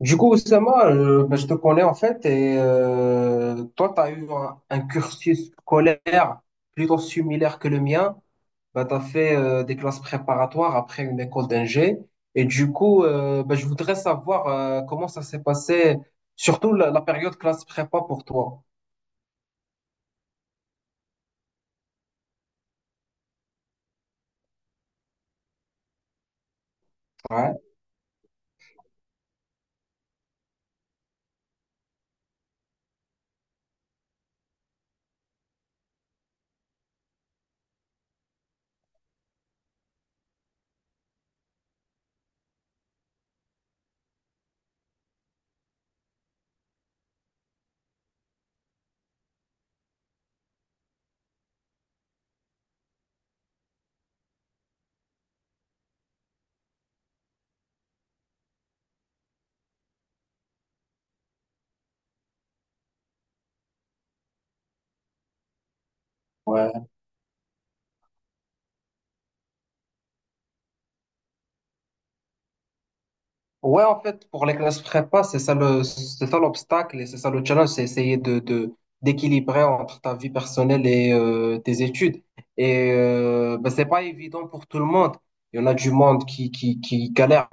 Du coup, Oussama, ben, je te connais en fait, et toi, tu as eu un cursus scolaire plutôt similaire que le mien. Ben, tu as fait des classes préparatoires après une école d'ingé. Et du coup, ben, je voudrais savoir comment ça s'est passé, surtout la période classe prépa pour toi. Ouais. Ouais. Ouais, en fait, pour les classes prépa, c'est ça l'obstacle et c'est ça le challenge, c'est essayer d'équilibrer entre ta vie personnelle et tes études. Et ben, c'est pas évident pour tout le monde. Il y en a du monde qui galère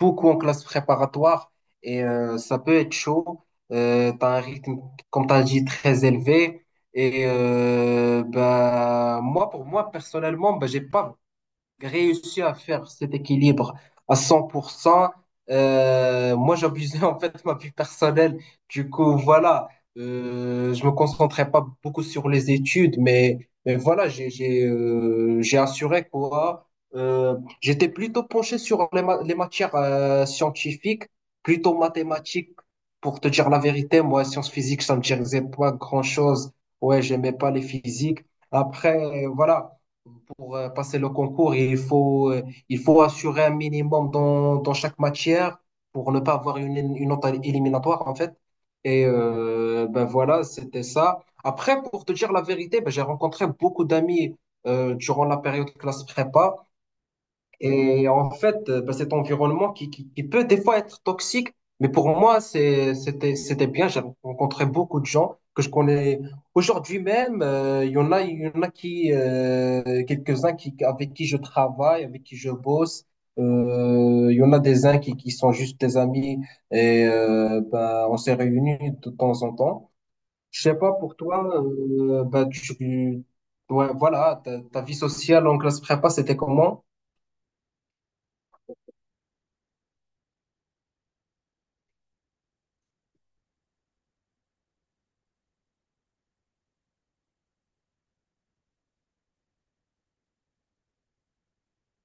beaucoup en classe préparatoire et ça peut être chaud. T'as un rythme, comme t'as dit, très élevé. Et ben, moi, pour moi, personnellement, ben, j'ai pas réussi à faire cet équilibre à 100%. Moi, j'abusais en fait ma vie personnelle. Du coup, voilà, je me concentrais pas beaucoup sur les études, mais voilà, j'ai assuré quoi. J'étais plutôt penché sur les matières scientifiques, plutôt mathématiques. Pour te dire la vérité, moi, sciences physiques, ça me disait pas grand-chose. Ouais, j'aimais pas les physiques. Après, voilà pour passer le concours il faut assurer un minimum dans chaque matière pour ne pas avoir une autre éliminatoire en fait. Et ben voilà, c'était ça. Après, pour te dire la vérité, ben, j'ai rencontré beaucoup d'amis durant la période classe prépa. Et en fait, bah, cet environnement qui peut des fois être toxique, mais pour moi, c'était bien. J'ai rencontré beaucoup de gens que je connais. Aujourd'hui même, il y en a quelques-uns qui, avec qui je travaille, avec qui je bosse. Il y en a des uns qui sont juste des amis et bah, on s'est réunis de temps en temps. Je sais pas pour toi, bah, ouais, voilà, ta vie sociale en classe prépa, c'était comment?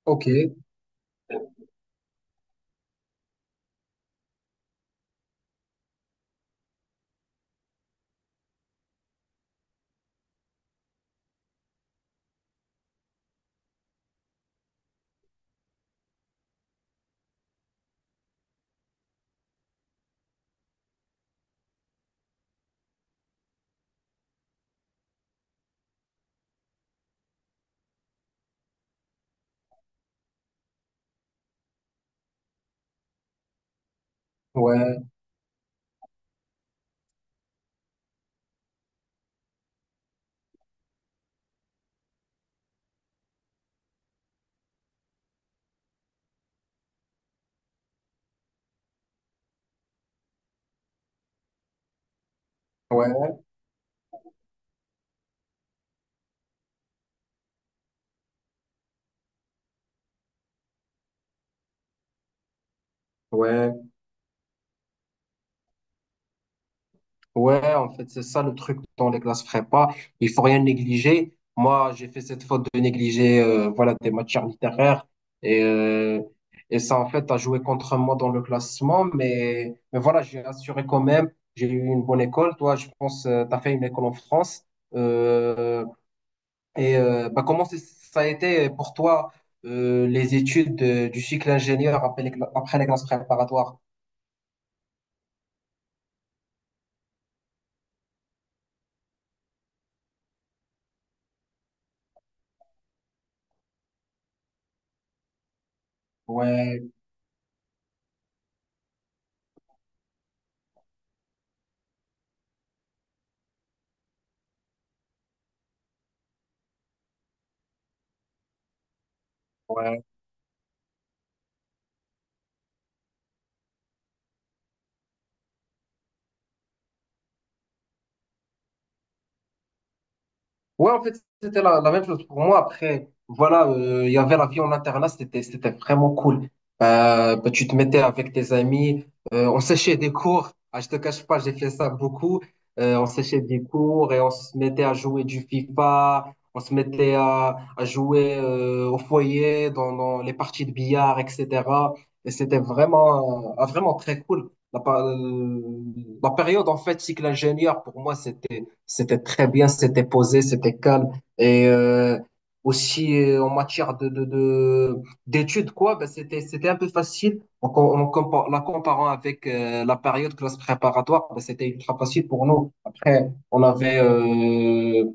Ok, ouais, ouais, ouais. Ouais, en fait, c'est ça le truc dans les classes prépa. Il faut rien négliger. Moi, j'ai fait cette faute de négliger, voilà, des matières littéraires. Et, euh, et ça, en fait, a joué contre moi dans le classement. Mais voilà, j'ai assuré quand même. J'ai eu une bonne école. Toi, je pense, t'as fait une école en France. Euh, et bah, comment ça a été pour toi les études du cycle ingénieur après après les classes préparatoires? Ouais, ouais. Ouais, en fait, c'était la même chose pour moi. Après, voilà, il y avait la vie en internat, c'était vraiment cool. Bah, tu te mettais avec tes amis, on séchait des cours. Ah, je te cache pas, j'ai fait ça beaucoup. On séchait des cours et on se mettait à jouer du FIFA, on se mettait à jouer au foyer, dans les parties de billard, etc. Et c'était vraiment, vraiment très cool. La période, en fait, cycle ingénieur, pour moi, c'était très bien, c'était posé, c'était calme. Et aussi en matière d'études, quoi, ben c'était un peu facile. En, com- en compa- La comparant avec la période classe préparatoire, ben c'était ultra facile pour nous. Après,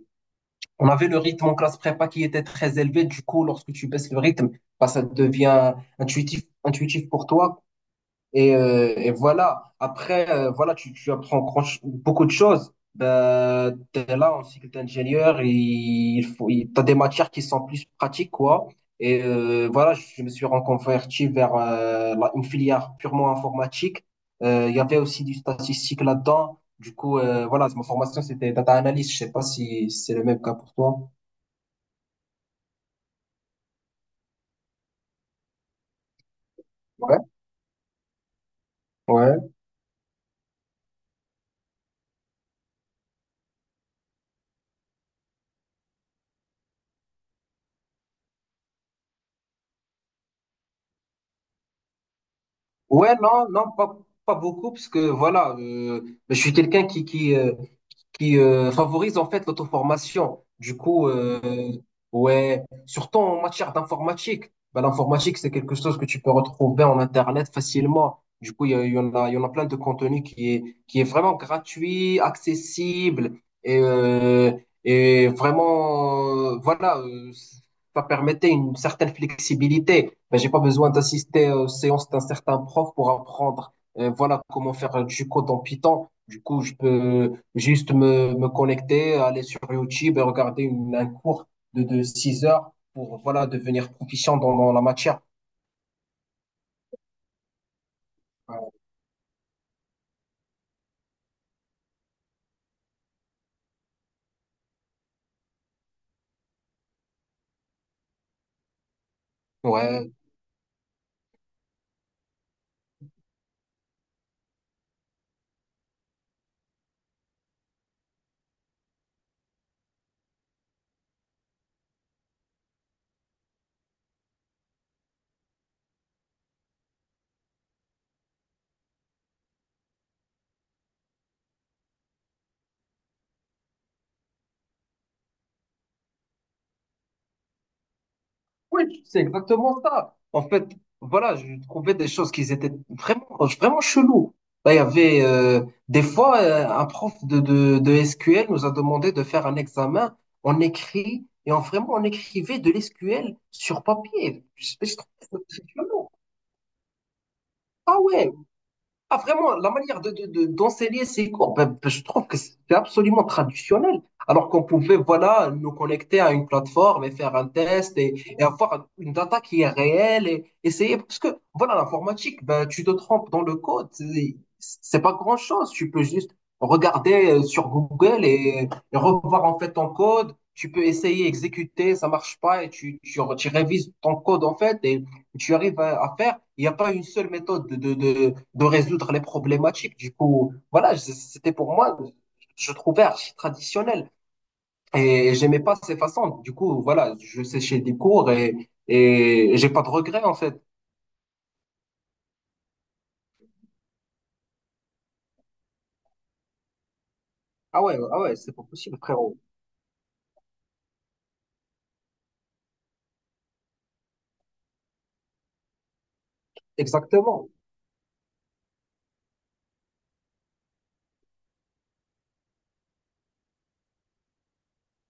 on avait le rythme en classe prépa qui était très élevé. Du coup, lorsque tu baisses le rythme, ben, ça devient intuitif, intuitif pour toi. Et voilà. Après, voilà, tu apprends beaucoup de choses. Ben, t'es là en cycle d'ingénieur, t'as des matières qui sont plus pratiques, quoi. Et voilà, je me suis reconverti vers une filière purement informatique. Il y avait aussi du statistique là-dedans. Du coup, voilà, ma formation, c'était data analyst. Je sais pas si c'est le même cas pour toi. Ouais. Ouais. Ouais, non, non, pas beaucoup, parce que voilà, je suis quelqu'un qui favorise en fait l'auto-formation. Du coup, ouais, surtout en matière d'informatique. Bah, l'informatique, c'est quelque chose que tu peux retrouver en Internet facilement. Du coup, il y en a plein de contenu qui est vraiment gratuit, accessible et, euh, et vraiment, voilà, ça permettait une certaine flexibilité. Ben, j'ai pas besoin d'assister aux séances d'un certain prof pour apprendre, voilà, comment faire du code en Python. Du coup, je peux, juste me connecter, aller sur YouTube et regarder un cours de 6 heures pour voilà, devenir proficient dans la matière. Ouais. Ouais. Oui, c'est exactement ça. En fait, voilà, je trouvais des choses qui étaient vraiment, vraiment cheloues. Là, il y avait des fois un prof de SQL nous a demandé de faire un examen en écrit et en vraiment on écrivait de l'SQL sur papier. Je trouvais ça très chelou. Ah ouais, ah vraiment, la manière d'enseigner ces cours, ben, je trouve que c'est absolument traditionnel. Alors qu'on pouvait, voilà, nous connecter à une plateforme et faire un test et avoir une data qui est réelle et essayer. Parce que, voilà, l'informatique, ben, tu te trompes dans le code, c'est pas grand-chose. Tu peux juste regarder sur Google et revoir en fait ton code. Tu peux essayer, exécuter, ça marche pas et tu révises ton code en fait. Et tu arrives à faire. Il n'y a pas une seule méthode de résoudre les problématiques. Du coup, voilà, c'était pour moi, je trouvais archi traditionnel. Et j'aimais pas ces façons. Du coup, voilà, je séchais des cours et j'ai pas de regrets, en fait. Ah ouais, ah ouais, c'est pas possible, frérot. Exactement,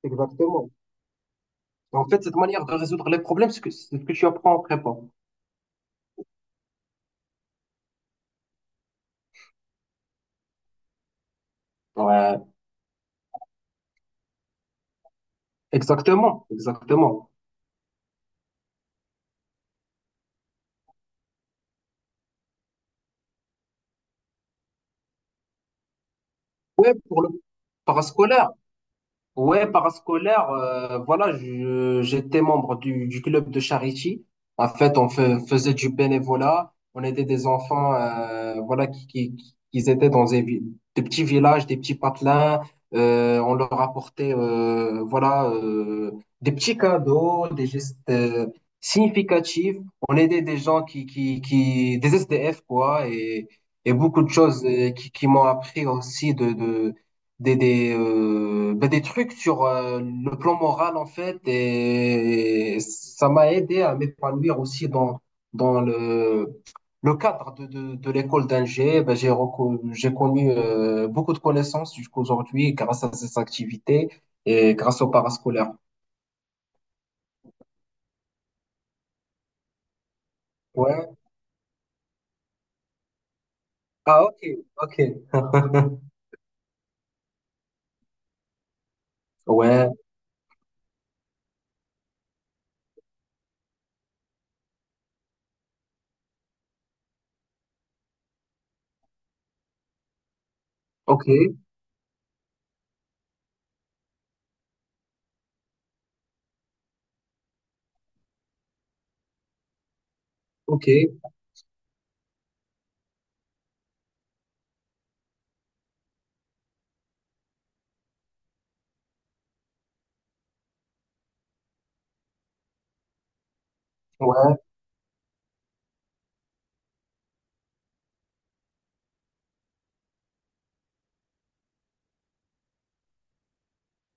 exactement. En fait, cette manière de résoudre les problèmes, c'est ce que tu apprends en prépa. Ouais, exactement, exactement. Ouais, pour le parascolaire. Ouais, parascolaire, voilà, j'étais membre du club de charity. En fait, on faisait du bénévolat. On aidait des enfants, voilà, qui étaient des petits villages, des petits patelins. On leur apportait, voilà, des petits cadeaux, des gestes significatifs. On aidait des gens des SDF, quoi, et beaucoup de choses qui m'ont appris aussi des trucs sur le plan moral, en fait, et ça m'a aidé à m'épanouir aussi dans le cadre de l'école d'Angers. Ben, j'ai connu beaucoup de connaissances jusqu'aujourd'hui grâce à ces activités et grâce au parascolaire. Ouais. Ah, ok, ok. Ouais, ok, ok. Ouais,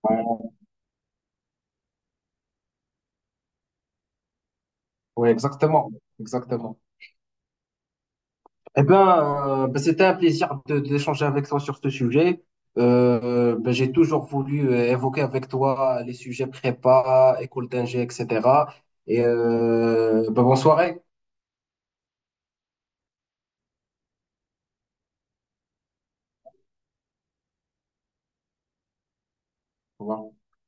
ouais, ouais, exactement. Exactement. Eh ben, ben, c'était un plaisir d'échanger avec toi sur ce sujet. Ben, j'ai toujours voulu évoquer avec toi les sujets prépa, école d'ingé, etc. Et ben, bonne soirée. Au revoir.